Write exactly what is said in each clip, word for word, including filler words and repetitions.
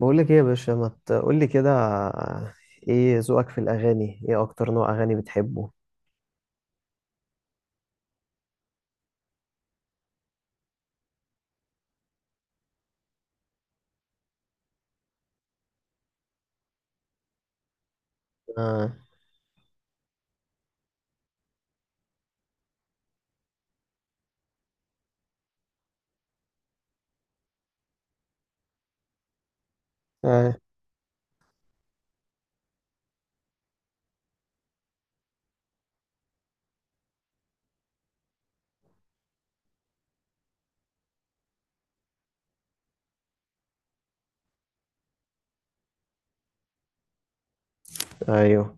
بقول لك ايه يا باشا، ما تقول لي كده؟ ايه ذوقك في الاغاني؟ ايه اكتر نوع اغاني بتحبه؟ آه. آه. ايوه.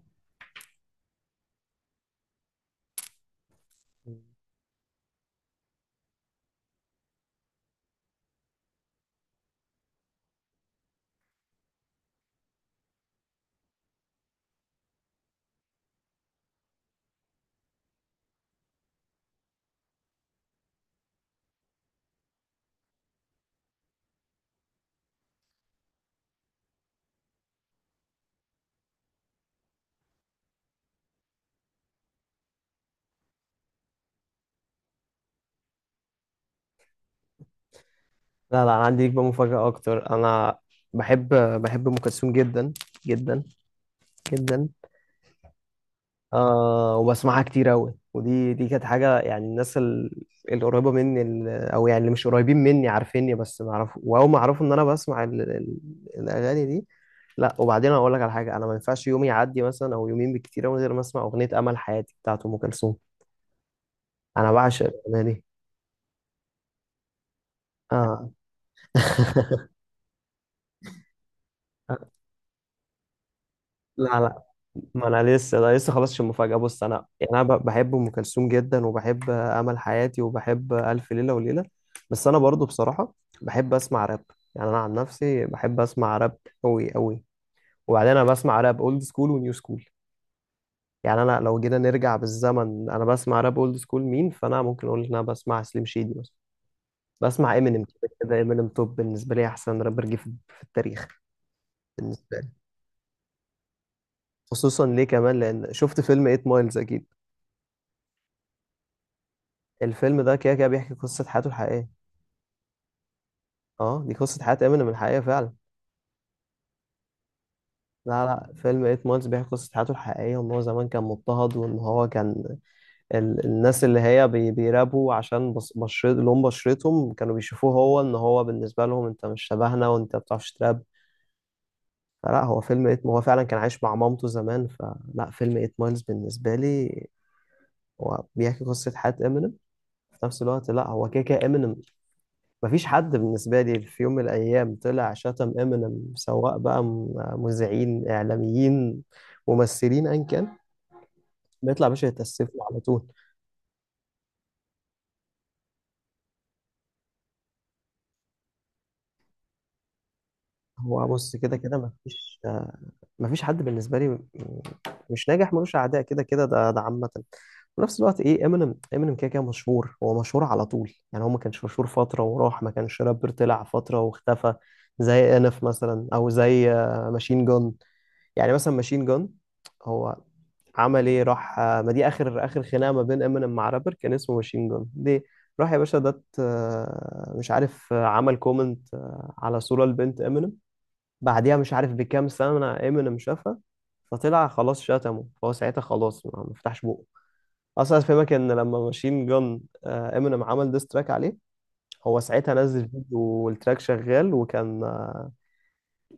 لا، لا، انا عندي ليك بقى مفاجأة اكتر. انا بحب بحب ام كلثوم جدا جدا جدا. آه، وبسمعها كتير أوي. ودي دي كانت حاجة، يعني الناس ال- القريبة مني، ال- أو يعني اللي مش قريبين مني عارفيني، بس ما أعرف. وأول ما أعرفوا إن أنا بسمع ال... ال... الأغاني دي. لا، وبعدين أقول لك على حاجة، أنا ما ينفعش يوم يعدي مثلا أو يومين بالكتير أوي من غير ما أسمع أغنية أمل حياتي بتاعت أم كلثوم. أنا بعشق الأغنية دي. آه. لا، لا، ما انا لسه، انا لسه خلصتش المفاجاه. بص، انا يعني انا ب- بحب ام كلثوم جدا، وبحب امل حياتي، وبحب الف ليله وليله. بس انا برضو بصراحه بحب اسمع راب. يعني انا عن نفسي بحب اسمع راب قوي قوي. وبعدين انا بسمع راب اولد سكول ونيو سكول. يعني انا لو جينا نرجع بالزمن انا بسمع راب اولد سكول مين، فانا ممكن اقول ان انا بسمع سليم شيدي مثلا، بسمع امينيم. كده كده امينيم توب بالنسبه لي، احسن رابر جه في في التاريخ. بالنسبه لي. خصوصا ليه كمان لان شفت فيلم ثمانية مايلز، اكيد. الفيلم ده كده كده بيحكي قصة حياته الحقيقية. اه، دي قصة حياة امينيم الحقيقية فعلا. لا، لا، فيلم ثمانية مايلز بيحكي قصة حياته الحقيقية، وان هو زمان كان مضطهد، وان هو كان ال... الناس اللي هي بي... بيرابوا عشان بص... بشرت، لون بشرتهم، كانوا بيشوفوه هو ان هو بالنسبة لهم انت مش شبهنا وانت ما بتعرفش تراب. فلا، هو فيلم ثمانية، هو فعلا كان عايش مع مامته زمان. فلا، فيلم ثمانية مايلز بالنسبة لي هو بيحكي قصة حياة امينيم. في نفس الوقت، لا، هو كده كده امينيم مفيش حد بالنسبة لي في يوم من الأيام طلع شتم امينيم، سواء بقى م- مذيعين، إعلاميين، ممثلين، أيا كان، بيطلع باشا يتأسف له على طول. هو بص، كده كده مفيش مفيش حد بالنسبة لي م- مش ناجح ملوش أعداء. كده كده ده، ده عامة. في نفس الوقت إيه، امينيم امينيم كده كده مشهور، هو مشهور على طول. يعني هو ما كانش مشهور فترة وراح، ما كانش رابر طلع فترة واختفى، زي انف مثلا أو زي ماشين جان. يعني مثلا ماشين جان، هو عمل ايه؟ راح آه، ما دي اخر اخر خناقه ما بين امينيم مع رابر كان اسمه ماشين جون ليه. راح يا باشا ده آه، مش عارف، آه، عمل كومنت آه، على صوره لبنت امينيم، بعديها مش عارف بكام سنه امينيم شافها. فطلع خلاص شتمه، فهو ساعتها خلاص ما ما فتحش بقه. اصلا افهمك ان لما ماشين جون امينيم عمل ديستراك عليه، هو ساعتها نزل فيديو والتراك شغال، وكان آه،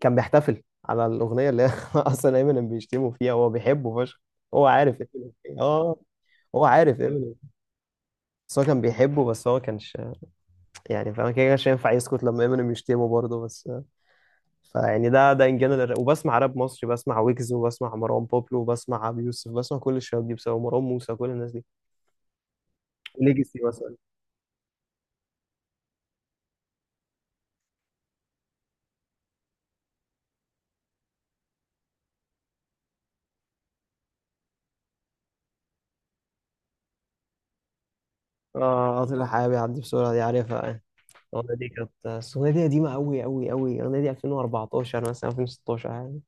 كان بيحتفل على الاغنيه اللي اصلا امينيم بيشتمه فيها. هو بيحبه فشخ. هو عارف امينيم. اه، هو عارف امينيم. بس هو كان بيحبه، بس هو كانش يعني فاهم كده، كانش ينفع يسكت لما امينيم يشتمه برضه بس. فيعني ده ده ان جنرال، وبسمع راب مصري، بسمع ويجز، وبسمع مروان بابلو، وبسمع ابي يوسف، بسمع كل الشباب دي بسبب مروان موسى، كل الناس دي، ليجاسي مثلا. اه، طلع حبيبي عدي بسرعه، دي عارفها يعني. الاغنيه دي كانت، بس الاغنيه دي قديمه قوي قوي قوي، الاغنيه دي ألفين وأربعة عشر مثلا، ألفين وستاشر يعني.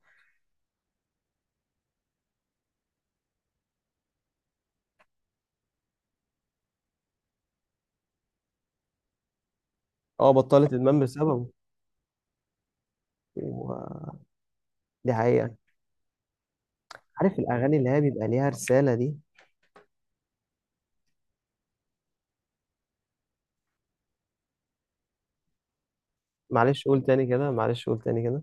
اه، بطلت ادمان بسببه و- دي حقيقة. عارف الأغاني اللي هي بيبقى ليها رسالة دي. معلش قول تاني كده، معلش قول تاني كده.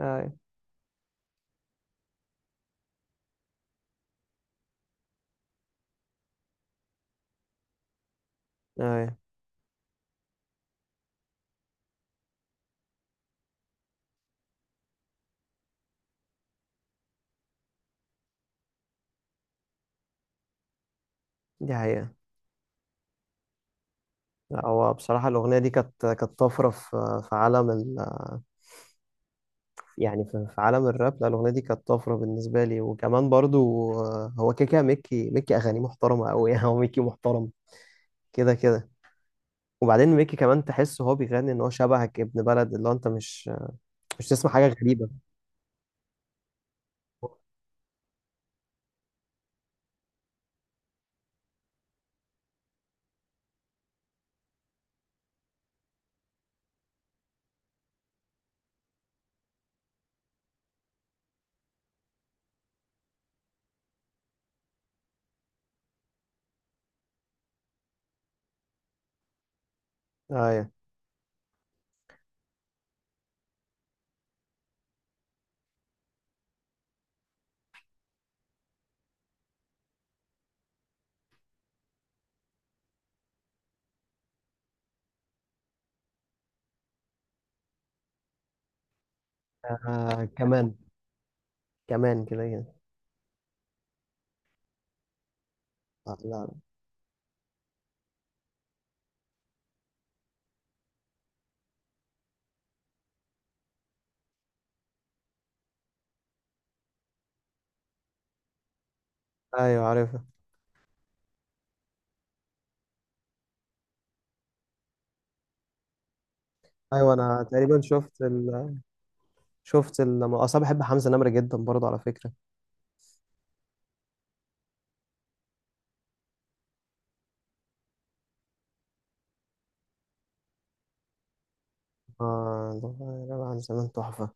أي. أي، دي حقيقة. لا، هو بصراحة الأغنية دي كانت كانت طفرة في، في عالم ال يعني في في عالم الراب. لا، الأغنية دي كانت طفرة بالنسبة لي. وكمان برضو آه، هو كده كده ميكي ميكي أغاني محترمة أوي. يعني هو ميكي محترم كده كده. وبعدين ميكي كمان تحس هو بيغني إن هو شبهك، ابن بلد، اللي هو أنت مش مش تسمع حاجة غريبة. أيوة. آه كمان، كمان كده كده. لا. ايوه عارفها. ايوه، انا تقريبا شفت ال... شفت ال... اصلا بحب حمزة نمرة جدا برضه على فكرة. اه ده عن زمان تحفة.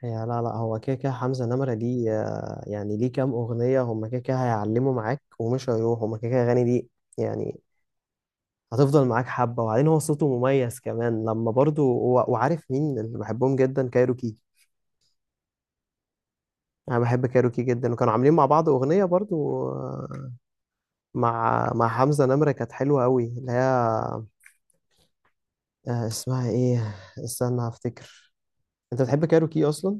هي لا، لا، هو كده كده حمزة نمرة دي آه، يعني ليه كام اغنية هم كده كده هيعلموا معاك ومش هيروحوا، هم كده كده اغاني دي يعني. هتفضل معاك حبة. وبعدين هو صوته مميز كمان لما برضه و... وعارف مين اللي بحبهم جدا؟ كايروكي. انا بحب كايروكي جدا، وكانوا عاملين مع بعض اغنية برضه آه، مع مع حمزة نمرة، كانت حلوة قوي، اللي هي آه، اسمها ايه؟ استنى هفتكر. انت بتحب كاروكي اصلا؟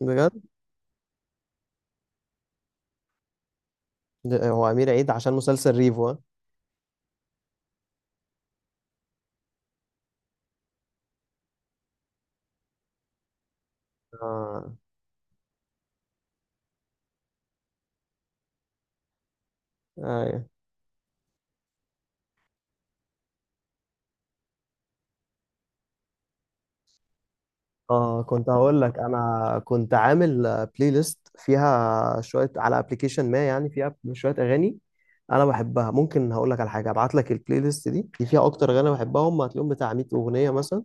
بجد؟ ده- هو امير عيد عشان مسلسل ريفو، ها؟ اه. آه، ايوه. اه كنت هقول لك، انا كنت عامل آه، بلاي ليست فيها شويه على ابلكيشن، ما يعني فيها شويه اغاني انا بحبها. ممكن هقول لك على حاجه، ابعت لك البلاي ليست دي دي فيها اكتر اغاني بحبها، هم هتلاقيهم بتاع مية اغنيه مثلا.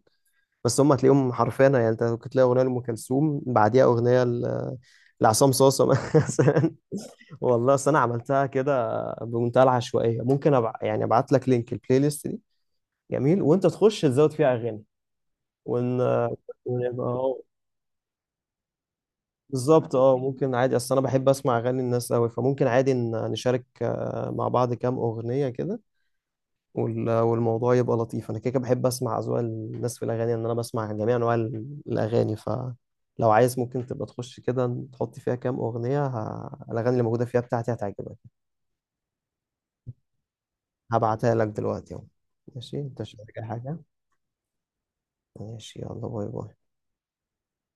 بس هم هتلاقيهم حرفيا، يعني انت كنت تلاقي اغنيه لام كلثوم بعديها اغنيه ل- لعصام صاصه مثلا. والله أصل انا عملتها كده بمنتهى العشوائيه. ممكن أبع... يعني ابعت لك لينك البلاي ليست دي، جميل، وانت تخش تزود فيها اغاني ون... ونبقى أهو- بالظبط. اه، ممكن عادي، اصل انا بحب اسمع اغاني الناس قوي. فممكن عادي ن- نشارك آه، مع بعض كام اغنيه كده، وال- والموضوع يبقى لطيف. انا كده كده بحب اسمع اذواق الناس في الاغاني، ان انا بسمع جميع انواع ال- الاغاني. فلو عايز ممكن تبقى تخش كده تحط فيها كام اغنيه ه... الاغاني اللي موجوده فيها بتاعتي هتعجبك. هبعتها لك دلوقتي اهو. ماشي، انت مش محتاج أي حاجه؟ ماشي، يلا، باي باي.